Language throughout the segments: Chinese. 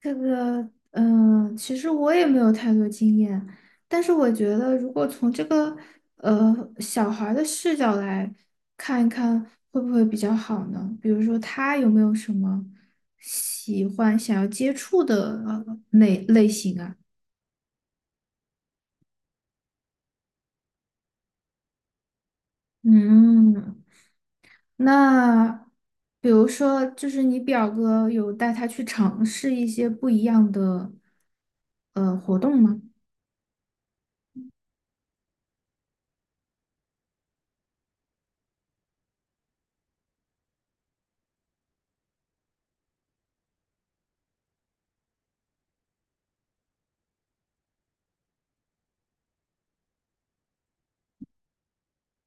这个，嗯，其实我也没有太多经验，但是我觉得，如果从这个小孩儿的视角来看一看，会不会比较好呢？比如说，他有没有什么喜欢、想要接触的类型啊？嗯，那比如说，就是你表哥有带他去尝试一些不一样的活动吗？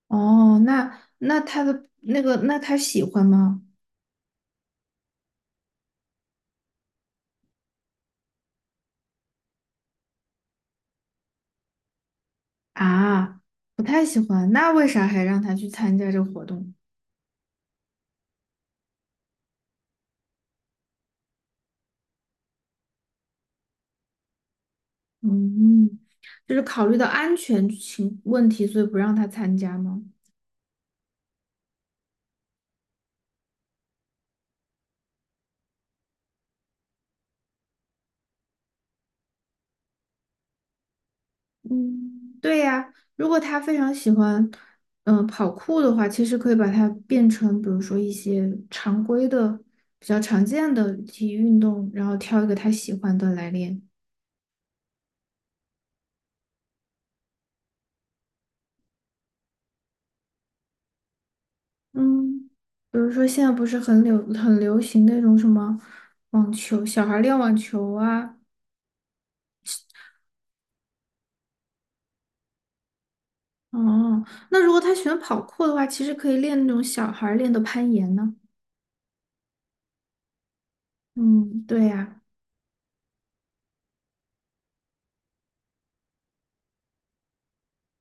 哦，那他的那个，那他喜欢吗？啊，不太喜欢，那为啥还让他去参加这个活动？嗯，就是考虑到安全情问题，所以不让他参加吗？嗯，对呀，如果他非常喜欢，嗯、跑酷的话，其实可以把它变成，比如说一些常规的、比较常见的体育运动，然后挑一个他喜欢的来练。嗯，比如说现在不是很流行那种什么网球，小孩儿练网球啊。哦，那如果他喜欢跑酷的话，其实可以练那种小孩儿练的攀岩呢。嗯，对呀、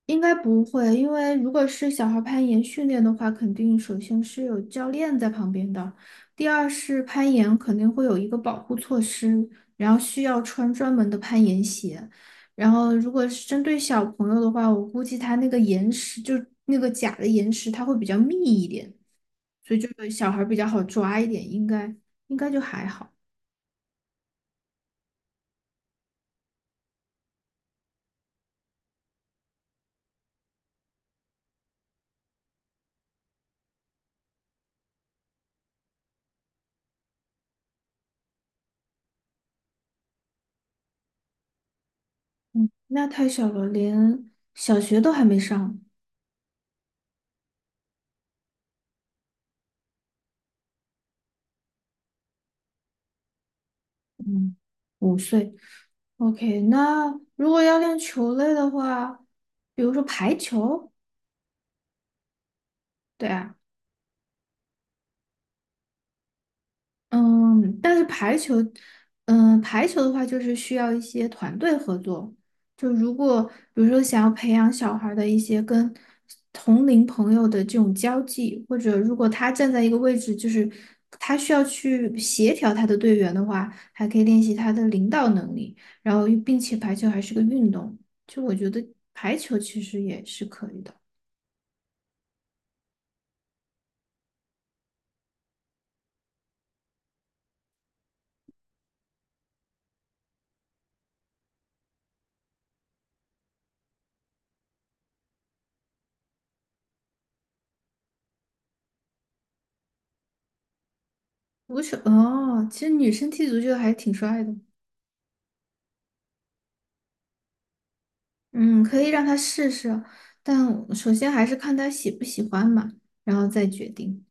应该不会，因为如果是小孩攀岩训练的话，肯定首先是有教练在旁边的，第二是攀岩肯定会有一个保护措施，然后需要穿专门的攀岩鞋。然后如果是针对小朋友的话，我估计他那个岩石就那个假的岩石，它会比较密一点，所以这个小孩比较好抓一点，应该就还好。嗯，那太小了，连小学都还没上。嗯。五岁。OK,那如果要练球类的话，比如说排球，对啊，嗯，但是排球，嗯，排球的话就是需要一些团队合作。就如果比如说想要培养小孩儿的一些跟同龄朋友的这种交际，或者如果他站在一个位置，就是他需要去协调他的队员的话，还可以练习他的领导能力，然后并且排球还是个运动，就我觉得排球其实也是可以的。足球哦，其实女生踢足球还挺帅的，嗯，可以让他试试，但首先还是看他喜不喜欢嘛，然后再决定。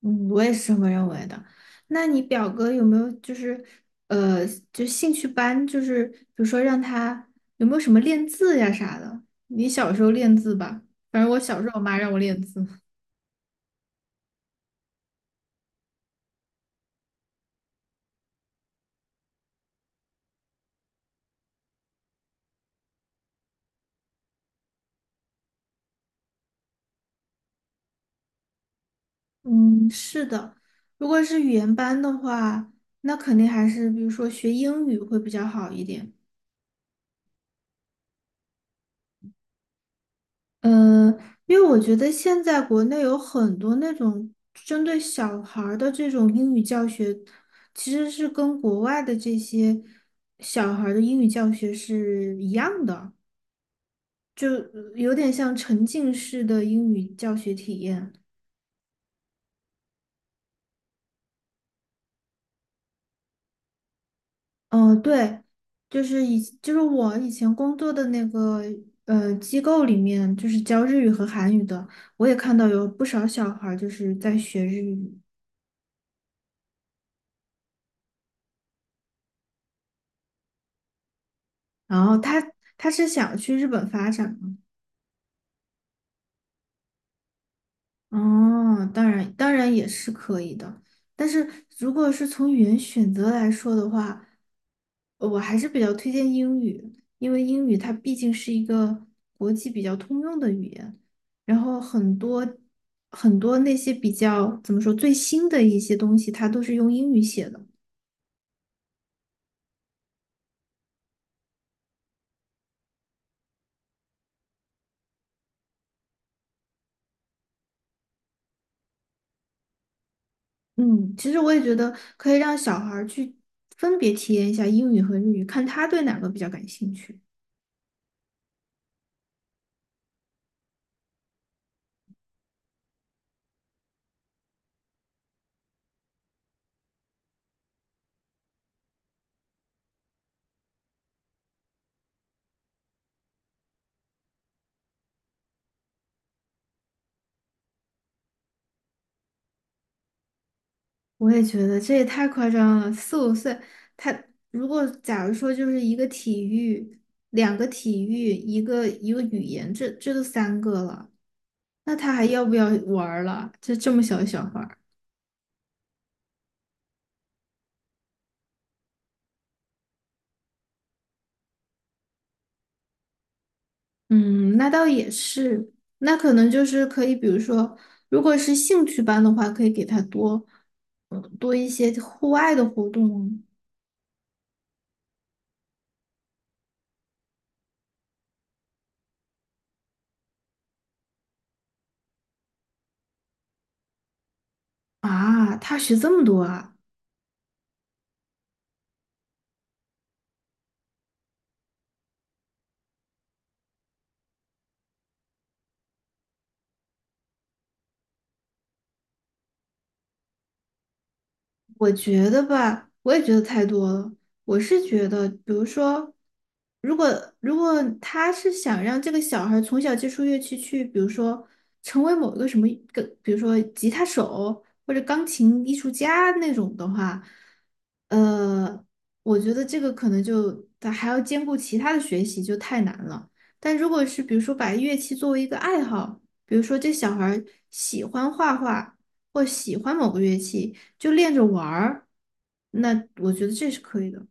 嗯，我也是这么认为的。那你表哥有没有就是呃，就兴趣班，就是比如说让他有没有什么练字呀啥的？你小时候练字吧，反正我小时候我妈让我练字。嗯，是的，如果是语言班的话，那肯定还是比如说学英语会比较好一点。嗯，因为我觉得现在国内有很多那种针对小孩儿的这种英语教学，其实是跟国外的这些小孩儿的英语教学是一样的，就有点像沉浸式的英语教学体验。嗯、对，就是以就是我以前工作的那个机构里面，就是教日语和韩语的，我也看到有不少小孩儿就是在学日语。然后他是想去日本发展吗？哦，当然也是可以的，但是如果是从语言选择来说的话，我还是比较推荐英语，因为英语它毕竟是一个国际比较通用的语言，然后很多那些比较怎么说最新的一些东西，它都是用英语写的。嗯，其实我也觉得可以让小孩儿去分别体验一下英语和日语，看他对哪个比较感兴趣。我也觉得这也太夸张了，4、5岁，他如果假如说就是一个体育，两个体育，一个语言，这都3个了，那他还要不要玩儿了？这这么小的小孩儿，嗯，那倒也是，那可能就是可以，比如说，如果是兴趣班的话，可以给他多，嗯多一些户外的活动啊。他学这么多啊？我觉得吧，我也觉得太多了。我是觉得，比如说，如果如果他是想让这个小孩儿从小接触乐器去，比如说成为某一个什么个，比如说吉他手或者钢琴艺术家那种的话，呃，我觉得这个可能就他还要兼顾其他的学习，就太难了。但如果是比如说把乐器作为一个爱好，比如说这小孩儿喜欢画画或喜欢某个乐器。就练着玩儿，那我觉得这是可以的。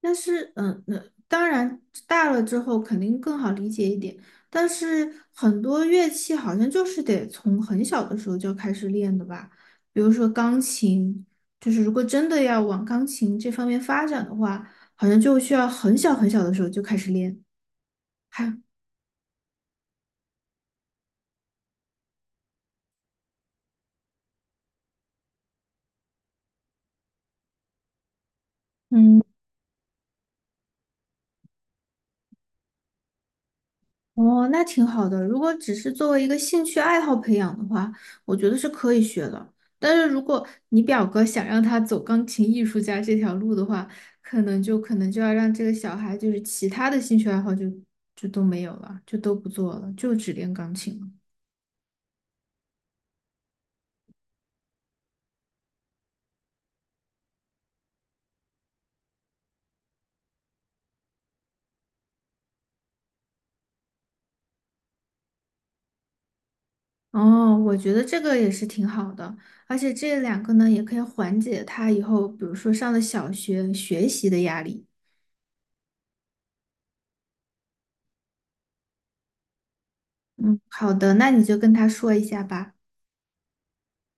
但是，嗯，那当然大了之后肯定更好理解一点。但是很多乐器好像就是得从很小的时候就开始练的吧，比如说钢琴，就是如果真的要往钢琴这方面发展的话，好像就需要很小的时候就开始练。还，嗯。哦，那挺好的。如果只是作为一个兴趣爱好培养的话，我觉得是可以学的。但是如果你表哥想让他走钢琴艺术家这条路的话，可能就要让这个小孩就是其他的兴趣爱好就都没有了，就都不做了，就只练钢琴了。哦，我觉得这个也是挺好的，而且这两个呢也可以缓解他以后，比如说上了小学学习的压力。嗯，好的，那你就跟他说一下吧。